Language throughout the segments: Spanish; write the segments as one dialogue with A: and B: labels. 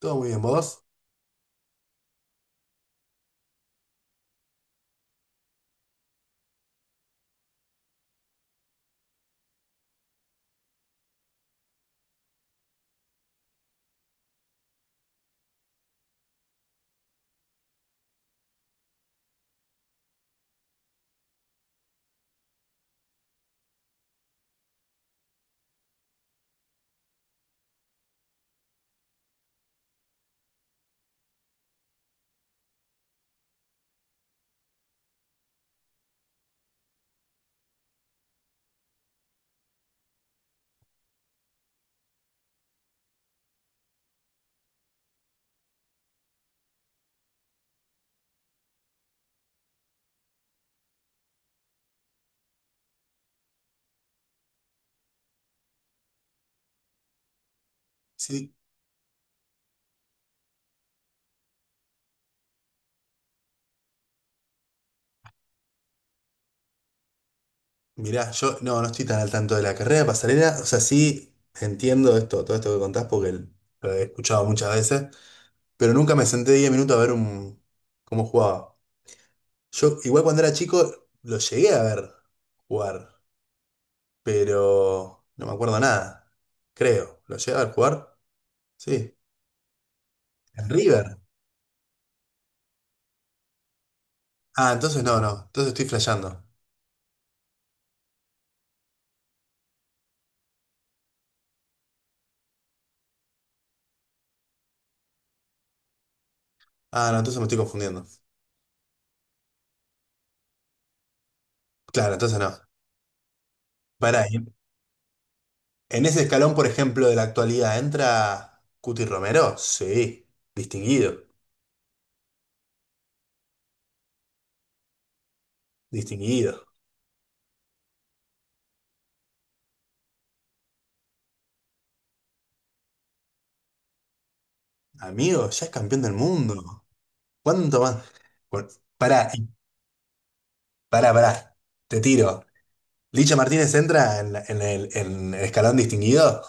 A: Todo muy bien, vos. Sí, mirá, yo no estoy tan al tanto de la carrera de Pasarela. O sea, sí entiendo esto, todo esto que contás porque lo he escuchado muchas veces, pero nunca me senté 10 minutos a cómo jugaba. Yo, igual cuando era chico, lo llegué a ver jugar, pero no me acuerdo nada. Creo. ¿Lo llegué a ver jugar? Sí. ¿En River? Ah, entonces no. Entonces estoy flasheando. Ah, no, entonces me estoy confundiendo. Claro, entonces no. Pará, ¿y En ese escalón, por ejemplo, de la actualidad, ¿entra Cuti Romero? Sí, distinguido, distinguido. Amigo, ya es campeón del mundo. ¿Cuánto más? Cu- Pará, y- pará, pará. Te tiro. ¿Licha Martínez entra en en el escalón distinguido?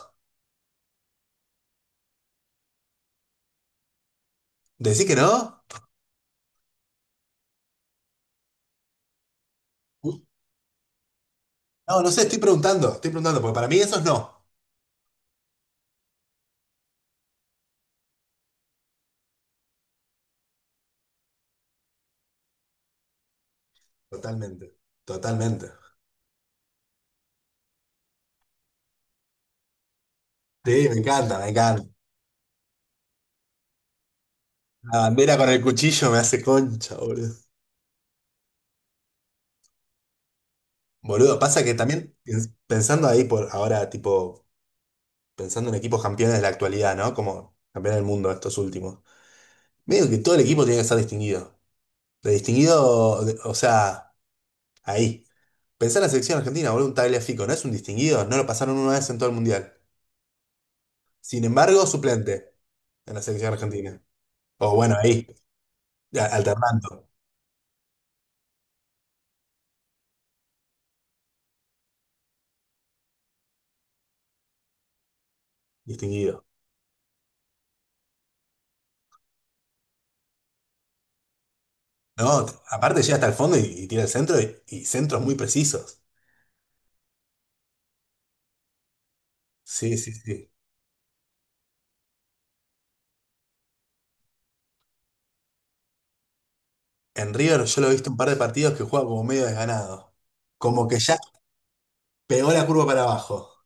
A: ¿Decís que no? Uh, no, no sé, estoy preguntando, porque para mí eso es no. Totalmente, totalmente. Sí, me encanta, me encanta. La bandera con el cuchillo me hace concha, boludo. Boludo, pasa que también pensando ahí por ahora, tipo, pensando en equipos campeones de la actualidad, ¿no? Como campeón del mundo estos últimos. Medio que todo el equipo tiene que estar distinguido. De distinguido, o sea, ahí. Pensá en la selección argentina, boludo, un Tagliafico, ¿no es un distinguido? No lo pasaron una vez en todo el mundial. Sin embargo, suplente en la selección argentina. O bueno, ahí, alternando, distinguido. No, t- aparte llega hasta el fondo y tira el centro y centros muy precisos. Sí, sí, sí. En River yo lo he visto un par de partidos que juega como medio desganado. Como que ya pegó la curva para abajo.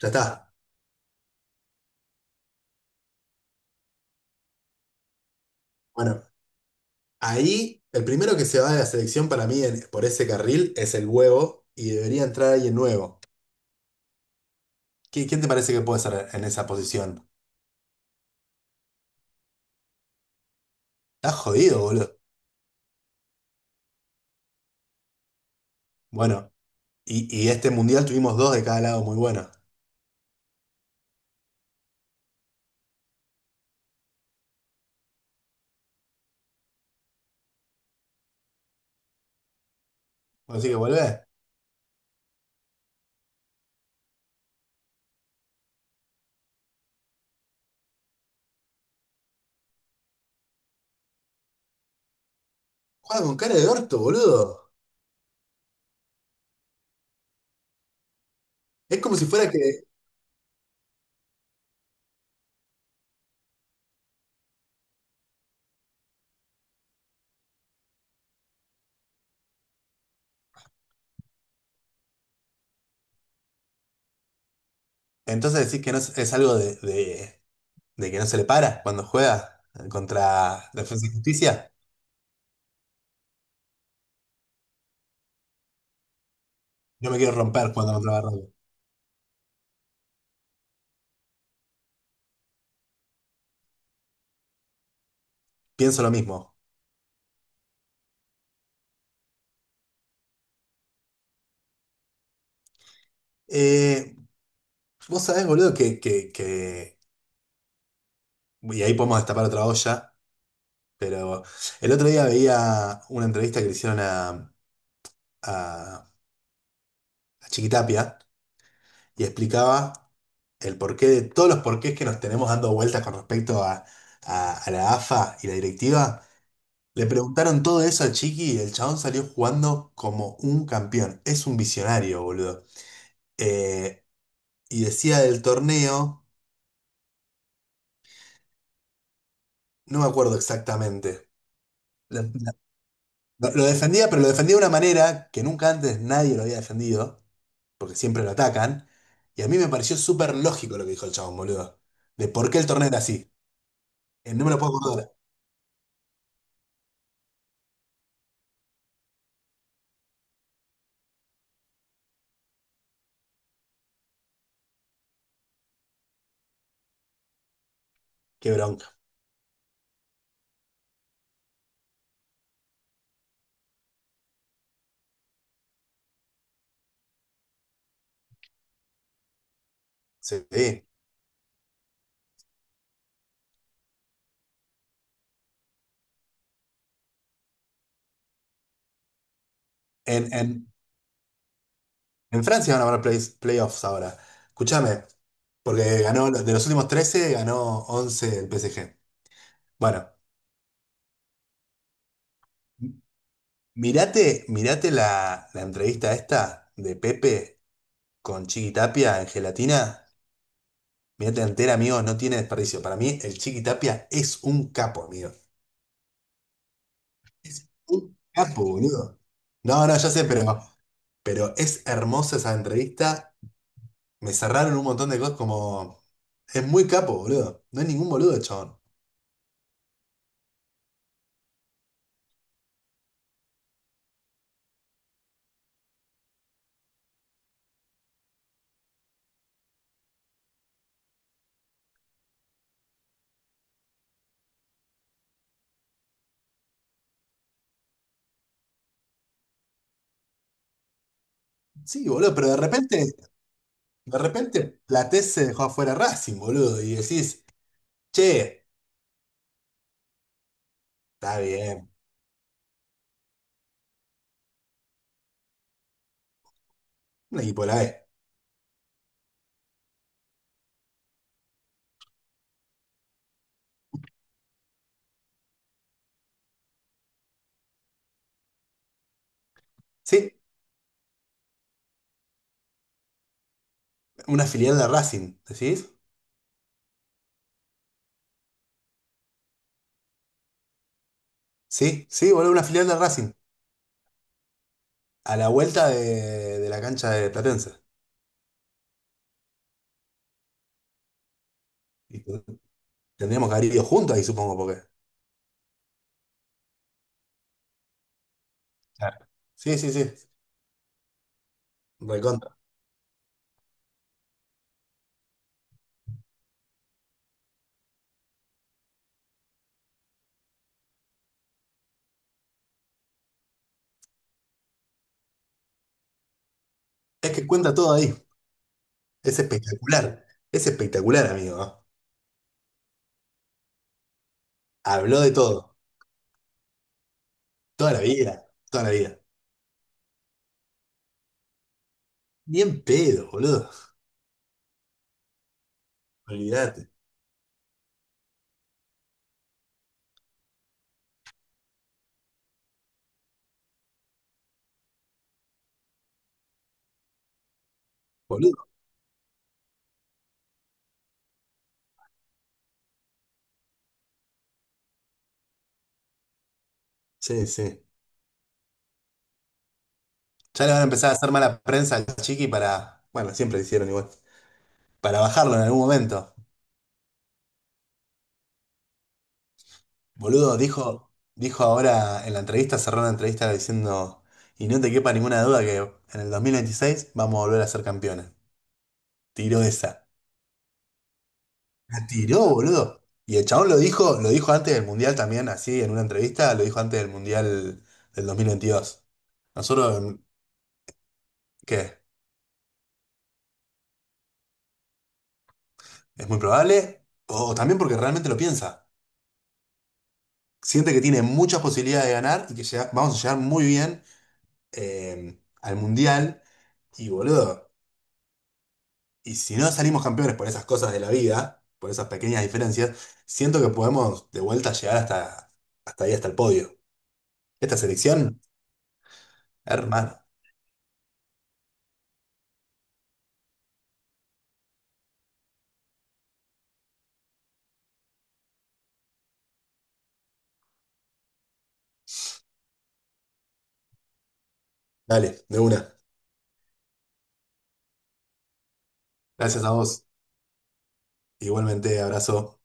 A: Ya está. Bueno, ahí el primero que se va de la selección para mí por ese carril es el huevo y debería entrar alguien nuevo. ¿Quién te parece que puede ser en esa posición? Estás jodido, boludo. Bueno, y este mundial tuvimos dos de cada lado muy buenos. Así que volvé. Juega con cara de orto, boludo. Es como si fuera que... Entonces decís que no es, es algo de, de que no se le para cuando juega contra Defensa y Justicia. No me quiero romper cuando contra Barrón. Pienso lo mismo. Eh, vos sabés, boludo, y ahí podemos destapar otra olla, pero el otro día veía una entrevista que le hicieron a, a Chiquitapia y explicaba el porqué de todos los porqués que nos tenemos dando vueltas con respecto a, a la AFA y la directiva. Le preguntaron todo eso al Chiqui y el chabón salió jugando como un campeón. Es un visionario, boludo. Eh, y decía del torneo, no me acuerdo exactamente. La- la- Lo defendía, pero lo defendía de una manera que nunca antes nadie lo había defendido, porque siempre lo atacan. Y a mí me pareció súper lógico lo que dijo el chabón, boludo. De por qué el torneo era así. No me lo puedo acordar. Qué bronca. Sí. En, en, En Francia van a haber playoffs ahora. Escúchame, porque ganó, de los últimos 13 ganó 11 el PSG. Bueno, mirate, mirate la entrevista esta de Pepe con Chiqui Tapia en Gelatina. Mirate entera, amigos, no tiene desperdicio. Para mí, el Chiqui Tapia es un capo, amigo. Es un capo, boludo. No, no, ya sé, pero es hermosa esa entrevista. Me cerraron un montón de cosas como... Es muy capo, boludo. No hay ningún boludo, chabón. Sí, boludo, pero de repente Platense se dejó afuera a Racing, boludo, y decís, che, está bien, un equipo de la B. Sí, una filial de Racing, ¿decís? Sí, sí, boludo, una filial de Racing, a la vuelta de la cancha de Platense. Y t- tendríamos que haber ido juntos ahí, supongo, porque. Claro. Sí, sí, sí, recontra. Es que cuenta todo ahí, es espectacular, es espectacular, amigo. ¿No? Habló de todo, toda la vida, toda la vida. Bien pedo, boludo, olvídate, boludo. Sí, sí. Ya le van a empezar a hacer mala prensa al Chiqui para. Bueno, siempre lo hicieron igual. Para bajarlo en algún momento. Boludo, dijo, dijo ahora en la entrevista, cerró la entrevista diciendo. Y no te quepa ninguna duda que en el 2026 vamos a volver a ser campeones. Tiró esa. La tiró, boludo. Y el chabón lo dijo antes del Mundial también, así, en una entrevista, lo dijo antes del Mundial del 2022. Nosotros, ¿qué? ¿Es muy probable? O también porque realmente lo piensa. Siente que tiene muchas posibilidades de ganar y que vamos a llegar muy bien al Mundial. Y boludo, y si no salimos campeones por esas cosas de la vida, por esas pequeñas diferencias, siento que podemos de vuelta llegar hasta, hasta ahí, hasta el podio. Esta selección, hermano, dale, de una. Gracias a vos. Igualmente, abrazo.